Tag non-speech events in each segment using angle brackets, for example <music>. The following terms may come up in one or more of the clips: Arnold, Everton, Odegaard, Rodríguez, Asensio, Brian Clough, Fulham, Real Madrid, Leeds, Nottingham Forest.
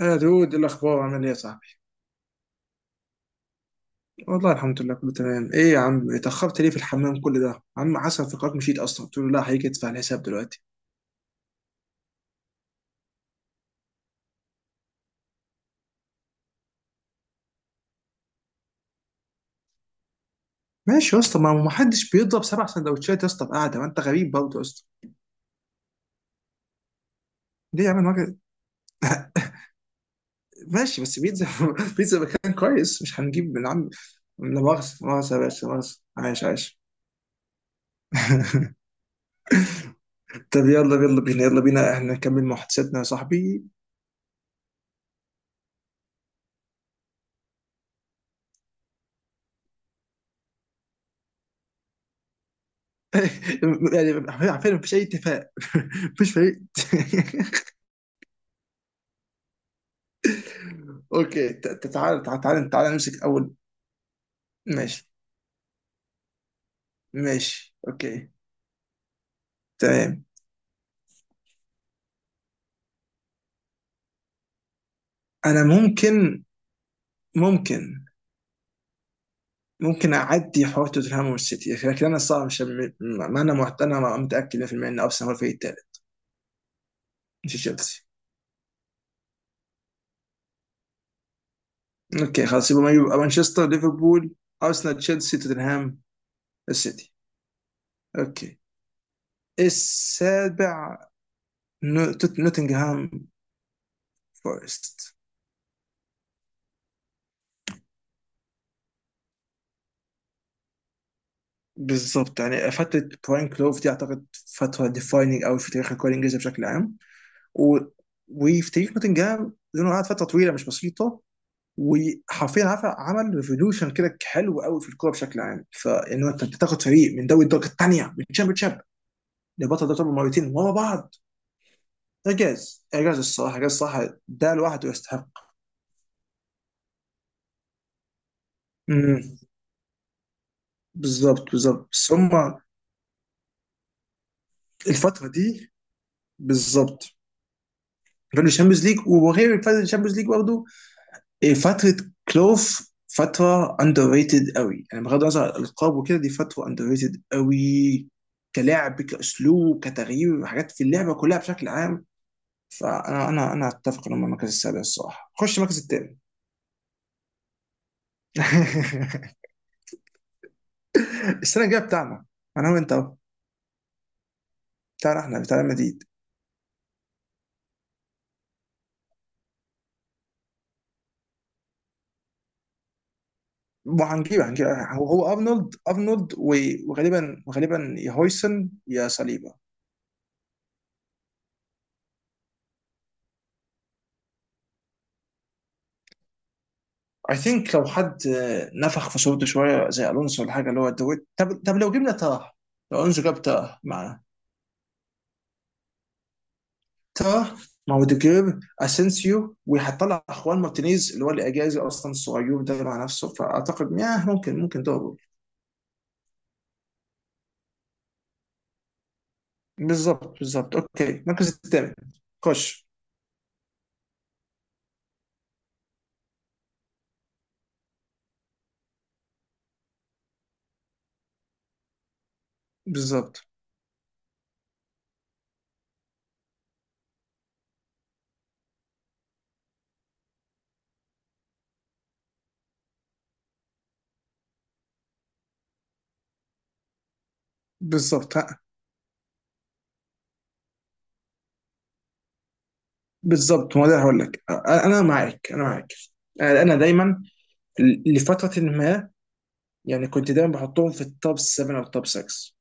يا دود إيه الأخبار عامل إيه يا صاحبي؟ والله الحمد لله كله تمام، إيه يا عم اتأخرت ليه في الحمام كل ده؟ عم حسن في قرارك مشيت أصلا، قلت له لا حقيقي ادفع الحساب دلوقتي. ماشي يا اسطى ما حدش بيضرب 7 سندوتشات يا اسطى بقعدة، ما أنت غريب برضه يا اسطى. ليه يا عم الوجه؟ <laughs> ماشي بس بيتزا. <laughs> بيتزا مكان كويس مش هنجيب من عم. لا مؤاخذة لا مؤاخذة يا باشا لا مؤاخذة عايش عايش. <laughs> طب يلا يلا بينا يلا بينا احنا نكمل محادثتنا يا صاحبي. <laughs> يعني عارفين مفيش اي اتفاق. <laughs> مفيش فريق. <laughs> اوكي تعال تعال تعال تعال نمسك اول. ماشي ماشي اوكي. تمام انا ممكن ممكن ممكن اعدي حوار توتنهام والسيتي لكن انا الصراحه مش م- ما انا محت... انا متاكد 100% ان ارسنال هو الفريق الثالث مش تشيلسي. اوكي خلاص يبقى يبقى مانشستر ليفربول ارسنال تشيلسي توتنهام السيتي. اوكي السابع نوتنغهام فورست. بالظبط يعني فترة براين كلوف دي اعتقد فترة ديفايننج قوي في تاريخ الكورة الانجليزية بشكل عام. و... وفي تاريخ نوتنجهام لانه قعد فتره طويله مش بسيطه وحرفيا عارف عمل ريفولوشن كده حلو قوي في الكوره بشكل عام، فانه انت تاخد فريق من دوري الدرجه الثانيه من تشامبيون شيب لبطل دوري الابطال مرتين ورا بعض. اعجاز اعجاز الصراحه اعجاز الصراحه ده لوحده يستحق. امم بالظبط بالظبط بس هم الفتره دي بالظبط. كانوا الشامبيونز ليج، وغير الفتره الشامبيونز ليج برضه، إيه فترة كلوف فترة اندر ريتد قوي، يعني بغض النظر عن الالقاب وكده دي فترة اندر ريتد قوي، كلعب كاسلوب كتغيير حاجات في اللعبة كلها بشكل عام. فانا انا انا اتفق انه المركز السابع الصراحة خش المركز الثامن. <laughs> السنة الجاية بتاعنا انا وانت أهو. بتاعنا احنا بتاع ريال مدريد. وهنجيب هو ارنولد ارنولد وغالبا يا هويسن يا صليبا. اي ثينك لو حد آه، نفخ في صورته شويه زي الونسو ولا حاجه اللي هو دويت. طب لو جبنا تراه، لو الونسو جاب تراه معاه، تراه مع اوديجير اسينسيو، وهتطلع اخوان مارتينيز اللي هو الاجازي اصلا الصغير ده مع نفسه، فاعتقد ياه ممكن ممكن دوري. بالظبط بالظبط اوكي المركز الثامن خش. بالظبط بالظبط ها. بالظبط ما ده هقول لك انا أنا معاك انا معاك. انا دايما لفتره ما يعني كنت دايما بحطهم في التوب 7 او التوب 6،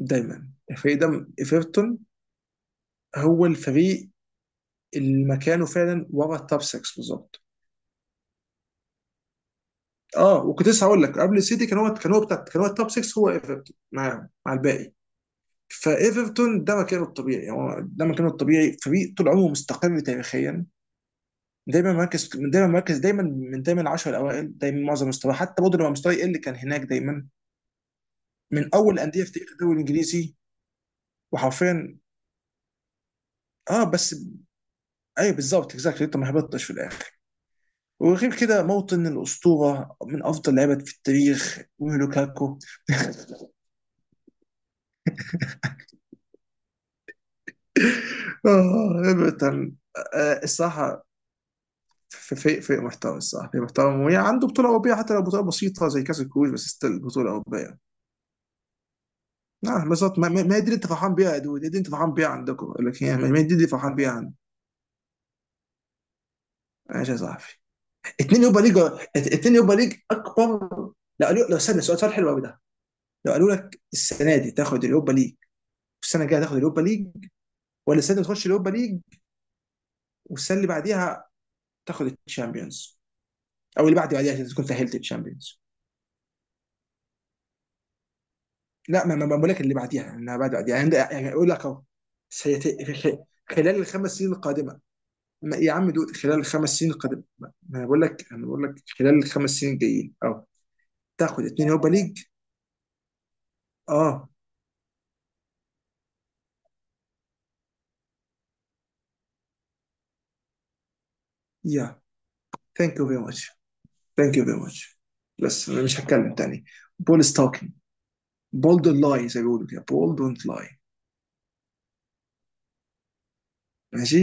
دايما الفريق ده ايفرتون هو الفريق اللي مكانه فعلا ورا التوب 6 بالظبط. اه وكنت لسه هقول لك قبل السيتي كان هو التوب 6، هو ايفرتون معاهم مع الباقي. فايفرتون ده مكانه الطبيعي، يعني هو ده مكانه الطبيعي، فريق طول عمره مستقر تاريخيا. دايما مركز دايما مركز دايما من دايما العشر الاوائل دايما، معظم مستواه حتى برضه لما مستواه يقل كان هناك دايما. من اول الانديه في تاريخ الدوري الانجليزي وحرفيا. اه بس ايوه بالظبط اكزاكتلي انت ما هبطتش في الاخر. وغير كده موطن الأسطورة من أفضل لعيبة في التاريخ ولوكاكو. آه إيفرتون آه الصراحة في محتوى الصراحة في محتوى، وهي عنده بطولة أوروبية حتى لو بطولة بسيطة زي كأس الكؤوس بس ستيل بطولة أوروبية. نعم بالظبط ما دي اللي أنت فرحان بيها يا دود، دي اللي أنت فرحان بيها عندكم، لكن يعني ما دي اللي فرحان بيها عندي. ماشي يا صاحبي. اتنين يوبا ليج، اتنين يوبا ليج أكبر. لو قالوا لو استنى سؤال سؤال حلو قوي ده. لو قالوا لك السنة دي تاخد اليوبا ليج والسنة الجاية تاخد اليوبا ليج، ولا السنة دي تخش اليوبا ليج والسنه اللي بعديها تاخد الشامبيونز، او اللي بعد بعديها عشان تكون سهلت الشامبيونز. لا ما بقول لك اللي بعديها انها بعد بعديها يعني يعني اقول لك اهو. سيت- خ- خلال ال5 سنين القادمه، يا عم دود خلال ال5 سنين القادمه، ما انا بقول لك انا بقول لك خلال الخمس سنين الجايين اه تاخد 2 يوروبا ليج اه. يا ثانك يو فيري ماتش ثانك يو فيري ماتش، بس انا مش هتكلم تاني. بول ستوكينج، بولد لاي زي ما بيقولوا كده بول دونت لاي. ماشي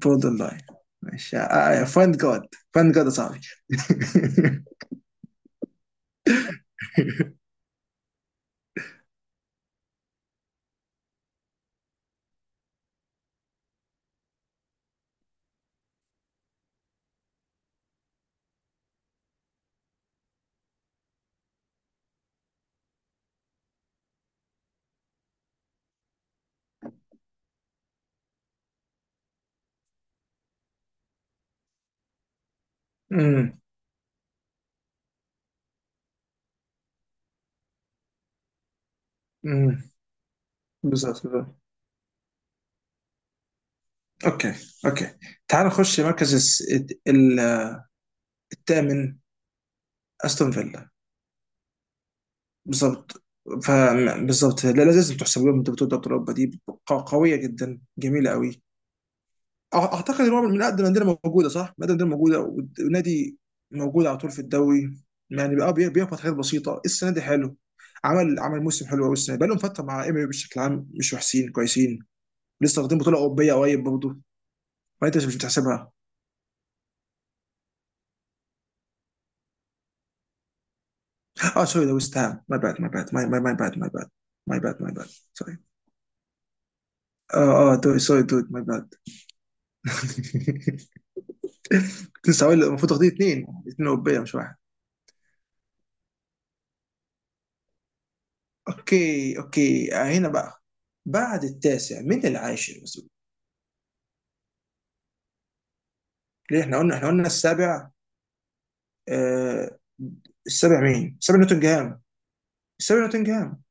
بوردر لاين. ماشي فاند جاد، فاند جاد يا صاحبي. <laughs> أمم، أمم، بالظبط بالظبط. اوكي اوكي تعال نخش مركز ال- الثامن استون فيلا. بالظبط ف بالظبط لا لا، لازم تحسب لهم انت بتقول دوري اوروبا دي قويه جدا جميله قوي. اعتقد ان هو من اقدم الانديه موجوده صح؟ من اقدم الانديه موجوده والنادي موجود على طول في الدوري، يعني بقى بيخبط حاجات بسيطه السنه دي حلو. عمل عمل موسم حلو قوي السنه دي. بقى لهم فتره مع ام بشكل عام مش وحشين كويسين. لسه واخدين بطوله اوروبيه قريب برضه، فانت مش بتحسبها. اه سوري ده ويست هام، ماي باد ماي باد ماي ماي باد ماي باد ماي باد ماي باد سوري. اه اه دوري سوري دود ماي باد. <laughs> كنت لسه هقول المفروض واخدين 2 اثنين اوروبيه مش واحد. اوكي اوكي آه، هنا بقى بعد التاسع من العاشر. ليه احنا قلنا احنا قلنا السابع آه. السابع مين؟ السابع نوتنجهام. السابع نوتنجهام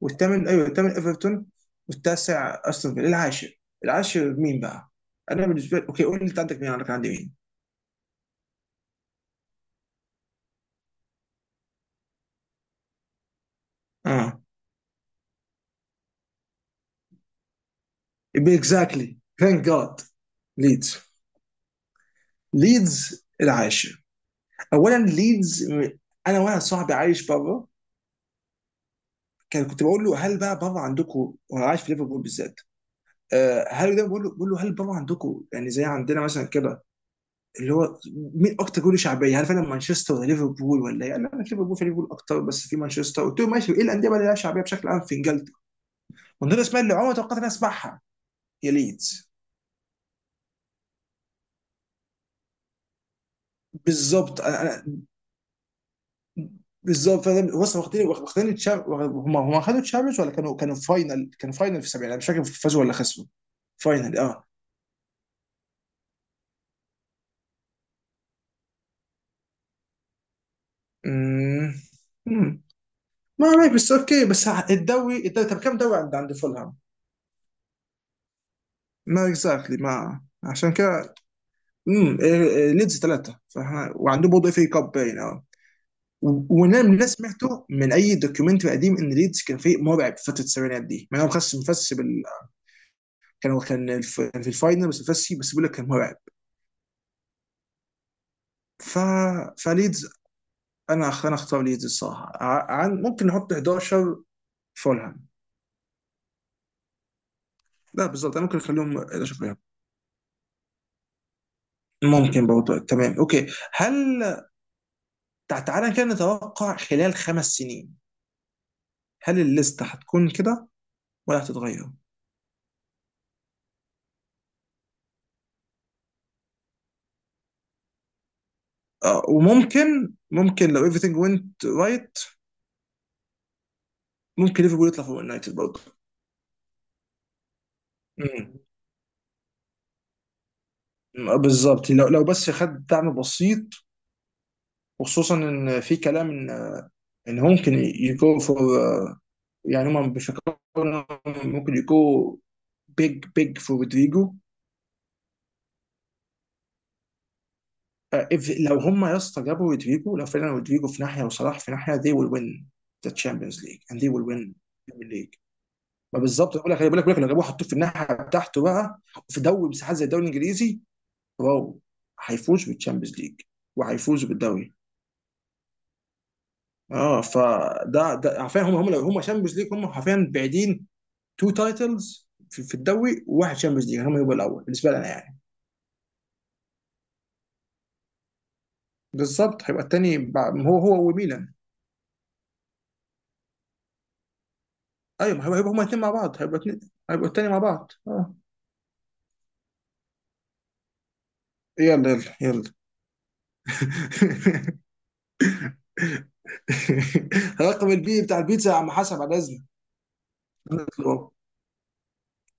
والثامن ايوه الثامن ايفرتون والتاسع استون فيلا العاشر. العاشر مين بقى؟ انا بالنسبه لي اوكي، قول لي انت عندك مين، انا كان عندي مين؟ اه اكزاكتلي ثانك جاد ليدز. ليدز العاشر. اولا ليدز انا واحد صاحبي عايش بره، كان كنت بقول له هل بقى بره عندكم، هو عايش في ليفربول بالذات، آه، هل ده بقول له بقول له هل بره عندكم يعني زي عندنا مثلا كده، اللي هو مين اكتر جول شعبيه؟ هل فعلا مانشستر ولا ليفربول ولا ايه؟ قال لا انا في ليفربول، في ليفربول اكتر بس في مانشستر. قلت له ماشي ايه الانديه بقى اللي لها شعبيه بشكل عام في انجلترا؟ ومن ضمن الاسماء اللي عمري ما توقعت اني اسمعها يا ليدز. بالظبط بالظبط فاهم بص واخدين هم خدوا تشامبيونز ولا كانوا فاينل كانوا فاينل في السبعينات مش فاكر فازوا ولا خسروا. فاينل اه. أمم. أمم. ما عليك بس اوكي بس الدوري الدوري طب كم دوري عند عند فولهام؟ ما اكزاكتلي ما عشان كده. آه، آه، ليدز ثلاثه فاحنا وعندهم برضه اف اي كاب باين اه. وانا من اللي سمعته من اي دوكيومنتري قديم ان ليدز كان فريق مرعب في فتره السبعينات دي مع انهم خسوا مفس كانوا كان في الفاينل بس مفسي، بس بيقول لك كان مرعب. ف... فليدز انا انا اختار ليدز الصراحه ممكن نحط 11 فولهام. لا بالظبط انا ممكن اخليهم 11 فولهام ممكن برضه تمام اوكي. هل تعالى كده نتوقع خلال خمس سنين، هل الليسته هتكون كده ولا هتتغير؟ آه وممكن ممكن لو everything went right ممكن ليفربول يطلع فوق يونايتد برضه. أمم. آه، بالظبط لو لو بس خد دعم بسيط، وخصوصا ان في كلام ان ان هو ممكن يجو فور، يعني هم بيفكروا إنهم ممكن يجو بيج بيج فور رودريجو. آه، if- لو هم يا اسطى جابوا رودريجو، لو فعلا رودريجو في ناحيه وصلاح في ناحيه they will win the Champions League and they will win the Premier League. ما بالظبط بقول لك بقول لك بقول لك لو جابوه حطوه في الناحيه بتاعته بقى، في دوري مساحات زي الدوري الانجليزي، واو، هيفوز بالتشامبيونز ليج وهيفوز بالدوري. اه فده ده عارفين هم هم لو هم تشامبيونز ليج هم حرفيا بعيدين تو تايتلز في الدوري وواحد تشامبيونز ليج هم يبقوا الاول بالنسبه لنا يعني. بالظبط هيبقى الثاني هو وميلان. ايوه ما هيبقى هيبقى هما الاثنين مع بعض هيبقى اتنين. هيبقوا الثاني مع بعض اه. يلا يلا يلا. <laughs> رقم البي بتاع البيتزا يا عم حسب على لازم